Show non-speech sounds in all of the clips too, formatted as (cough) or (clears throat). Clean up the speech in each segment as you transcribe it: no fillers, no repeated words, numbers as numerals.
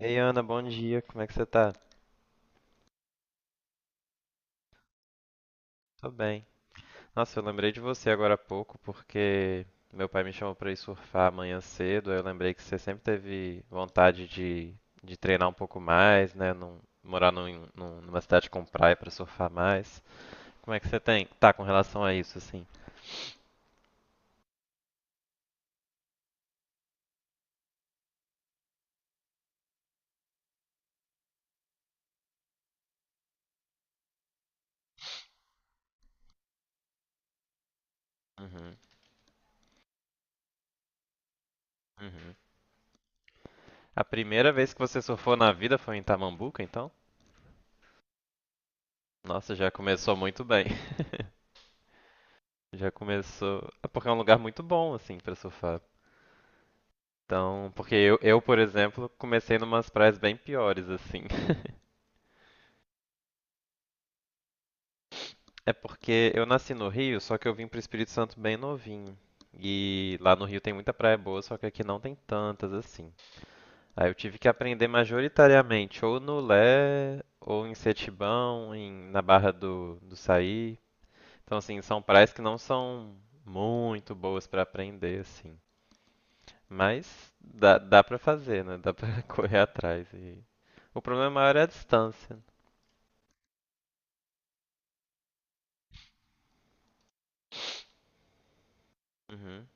Ei, Ana, bom dia. Como é que você tá? Tô bem. Nossa, eu lembrei de você agora há pouco porque meu pai me chamou pra ir surfar amanhã cedo. Aí eu lembrei que você sempre teve vontade de treinar um pouco mais, né? Morar numa cidade com praia pra surfar mais. Como é que você tá com relação a isso, assim? Uhum, uhum. A primeira vez que você surfou na vida foi em Tamambuca, então? Nossa, já começou muito bem. (laughs) Já começou. É. Porque é um lugar muito bom, assim, pra surfar. Então, porque eu, por exemplo, comecei numas praias bem piores, assim. (laughs) É porque eu nasci no Rio, só que eu vim pro Espírito Santo bem novinho. E lá no Rio tem muita praia boa, só que aqui não tem tantas assim. Aí eu tive que aprender majoritariamente ou no Lé, ou em Setibão, na Barra do Saí. Então, assim, são praias que não são muito boas pra aprender, assim. Mas dá pra fazer, né? Dá pra (laughs) correr atrás. O problema maior é a distância. Uhum.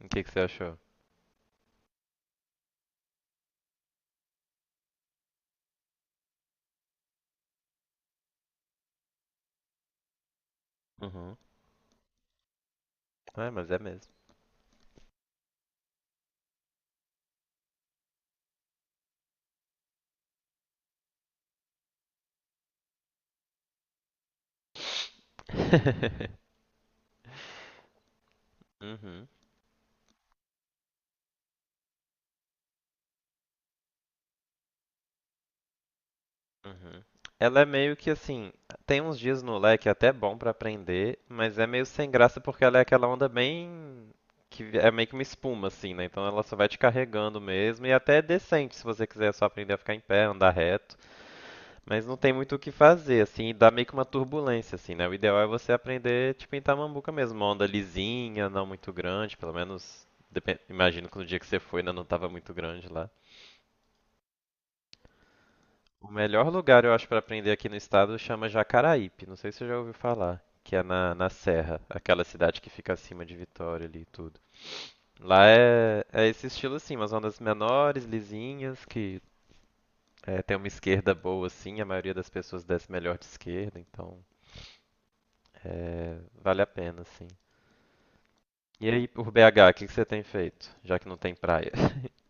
O que que você achou? Uhum. É, mas é mesmo. (laughs) Uhum. Uhum. Ela é meio que assim, tem uns dias no Lé que é até bom pra aprender, mas é meio sem graça porque ela é aquela onda bem que é meio que uma espuma assim, né? Então ela só vai te carregando mesmo e até é decente se você quiser só aprender a ficar em pé, andar reto. Mas não tem muito o que fazer, assim, dá meio que uma turbulência, assim, né? O ideal é você aprender, tipo, em Tamambuca mesmo, uma onda lisinha, não muito grande, pelo menos, imagino que no dia que você foi ainda não estava muito grande lá. O melhor lugar, eu acho, para aprender aqui no estado chama Jacaraípe, não sei se você já ouviu falar, que é na Serra, aquela cidade que fica acima de Vitória ali e tudo. Lá é esse estilo, assim, umas ondas menores, lisinhas, que é, tem uma esquerda boa, assim, a maioria das pessoas desce melhor de esquerda, então... É, vale a pena, sim. E aí, por BH, o que que você tem feito? Já que não tem praia. (laughs)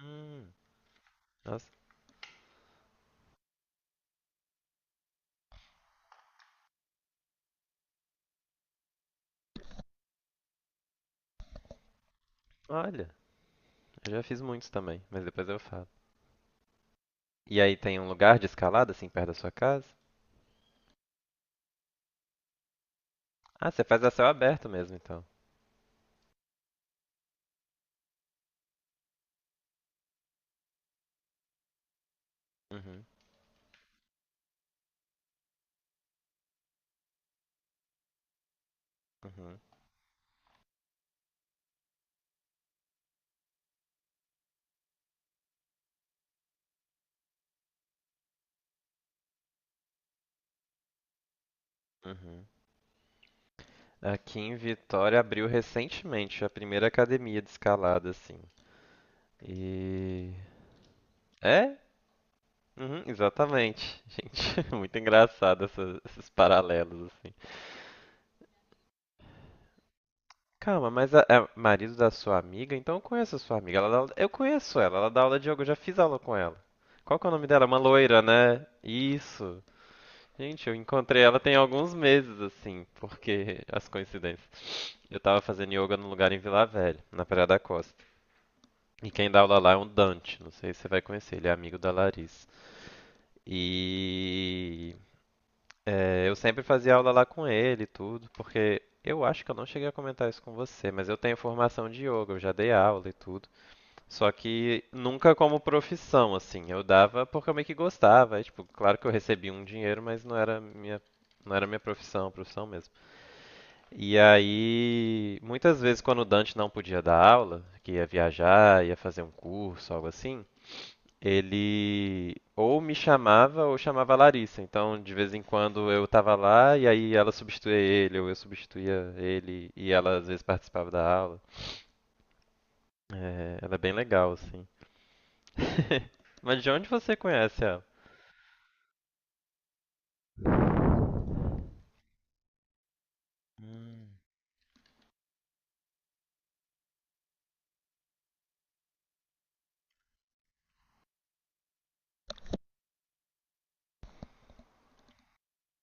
Hum, nossa. Olha, eu já fiz muitos também, mas depois eu falo. E aí tem um lugar de escalada, assim, perto da sua casa? Ah, você faz a céu aberto mesmo, então. Uhum, uhum, uhum. Aqui em Vitória abriu recentemente a primeira academia de escalada, assim. E... É? Uhum, exatamente. Gente, (laughs) muito engraçado esses paralelos. Calma, é marido da sua amiga? Então eu conheço a sua amiga. Eu conheço ela, ela dá aula de yoga, eu já fiz aula com ela. Qual que é o nome dela? Uma loira, né? Isso. Gente, eu encontrei ela tem alguns meses, assim, porque (laughs) as coincidências. Eu tava fazendo yoga num lugar em Vila Velha, na Praia da Costa. E quem dá aula lá é um Dante, não sei se você vai conhecer, ele é amigo da Larissa. E é, eu sempre fazia aula lá com ele e tudo, porque eu acho que eu não cheguei a comentar isso com você, mas eu tenho formação de yoga, eu já dei aula e tudo. Só que nunca como profissão, assim. Eu dava porque eu meio que gostava. Aí, tipo, claro que eu recebia um dinheiro, mas não era não era minha profissão mesmo. E aí, muitas vezes quando o Dante não podia dar aula, que ia viajar, ia fazer um curso, algo assim, ele ou me chamava ou chamava a Larissa. Então, de vez em quando eu tava lá e aí ela substituía ele, ou eu substituía ele, e ela às vezes participava da aula. É, ela é bem legal, assim. (laughs) Mas de onde você conhece ela? Hum.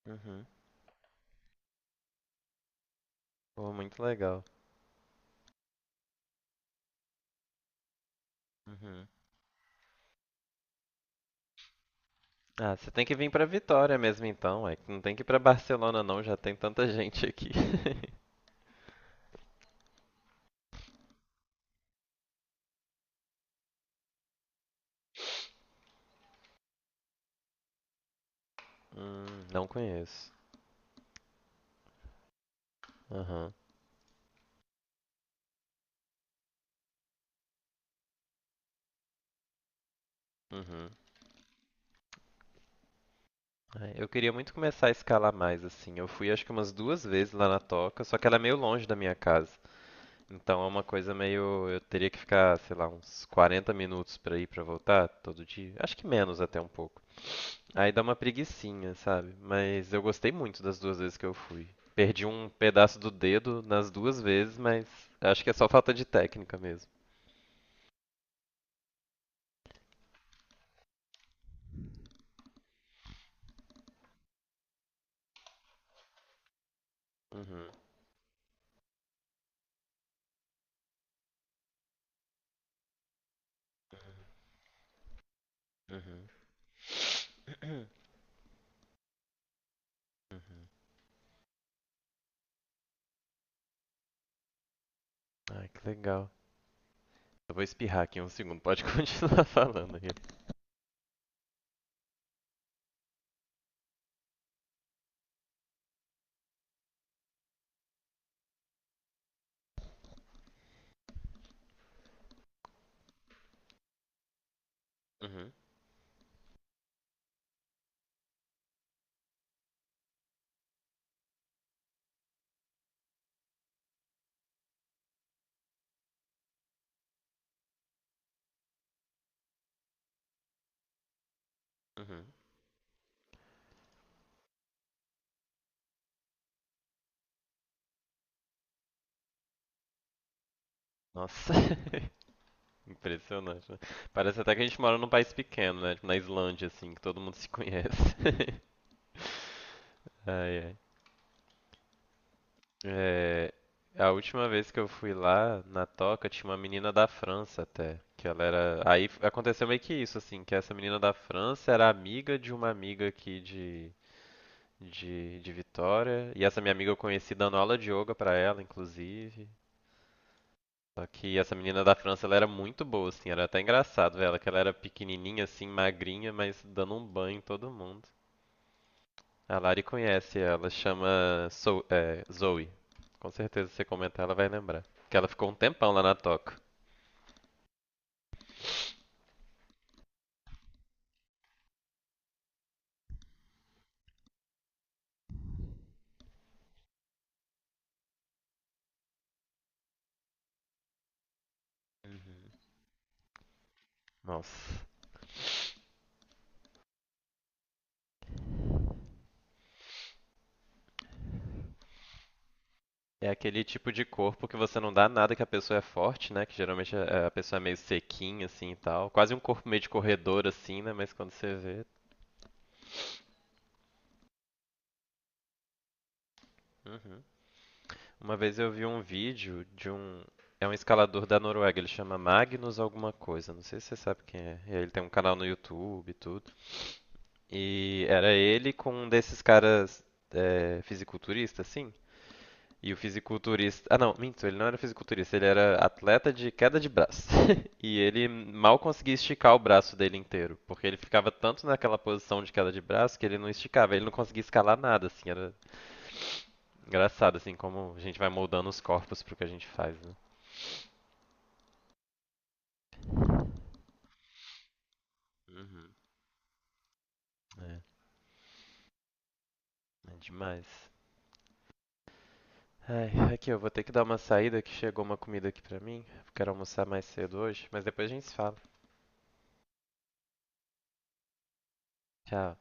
Uhum. Pô, muito legal. Uhum. Ah, você tem que vir pra Vitória mesmo então, é que não tem que ir pra Barcelona não, já tem tanta gente aqui. (laughs) Hum, não conheço. Aham. Uhum. É, eu queria muito começar a escalar mais, assim. Eu fui acho que umas duas vezes lá na Toca, só que ela é meio longe da minha casa. Então é uma coisa meio. Eu teria que ficar, sei lá, uns 40 minutos pra ir pra voltar todo dia. Acho que menos até um pouco. Aí dá uma preguicinha, sabe? Mas eu gostei muito das duas vezes que eu fui. Perdi um pedaço do dedo nas duas vezes, mas acho que é só falta de técnica mesmo. Uhum, uhum. (clears throat) Uhum. Ai, que legal. Eu vou espirrar aqui um segundo, pode (laughs) continuar falando aí. Uhum, uhum. Nossa, (laughs) impressionante, né? Parece até que a gente mora num país pequeno, né? Tipo na Islândia, assim, que todo mundo se conhece. (laughs) Ai, ai. É, a última vez que eu fui lá na Toca, tinha uma menina da França até, que ela aconteceu meio que isso assim, que essa menina da França era amiga de uma amiga aqui de Vitória, e essa minha amiga eu conheci dando aula de yoga pra ela, inclusive. Só que essa menina da França, ela era muito boa assim, era até engraçado ver ela, que ela era pequenininha assim, magrinha, mas dando um banho em todo mundo. A Lari conhece ela, chama Zoe. Com certeza se você comentar ela vai lembrar. Que ela ficou um tempão lá na toca. Uhum. Nossa. É aquele tipo de corpo que você não dá nada que a pessoa é forte, né? Que geralmente a pessoa é meio sequinha, assim e tal. Quase um corpo meio de corredor, assim, né? Mas quando você vê. Uhum. Uma vez eu vi um vídeo de um. É um escalador da Noruega, ele chama Magnus alguma coisa, não sei se você sabe quem é. E aí ele tem um canal no YouTube e tudo. E era ele com um desses caras é, fisiculturista, assim. E o fisiculturista. Ah, não, minto, ele não era fisiculturista, ele era atleta de queda de braço. (laughs) E ele mal conseguia esticar o braço dele inteiro, porque ele ficava tanto naquela posição de queda de braço que ele não esticava, ele não conseguia escalar nada, assim. Era engraçado, assim, como a gente vai moldando os corpos pro que a gente faz, né? Uhum. É, é demais. Ai, aqui eu vou ter que dar uma saída que chegou uma comida aqui pra mim, porque eu quero almoçar mais cedo hoje, mas depois a gente se fala. Tchau.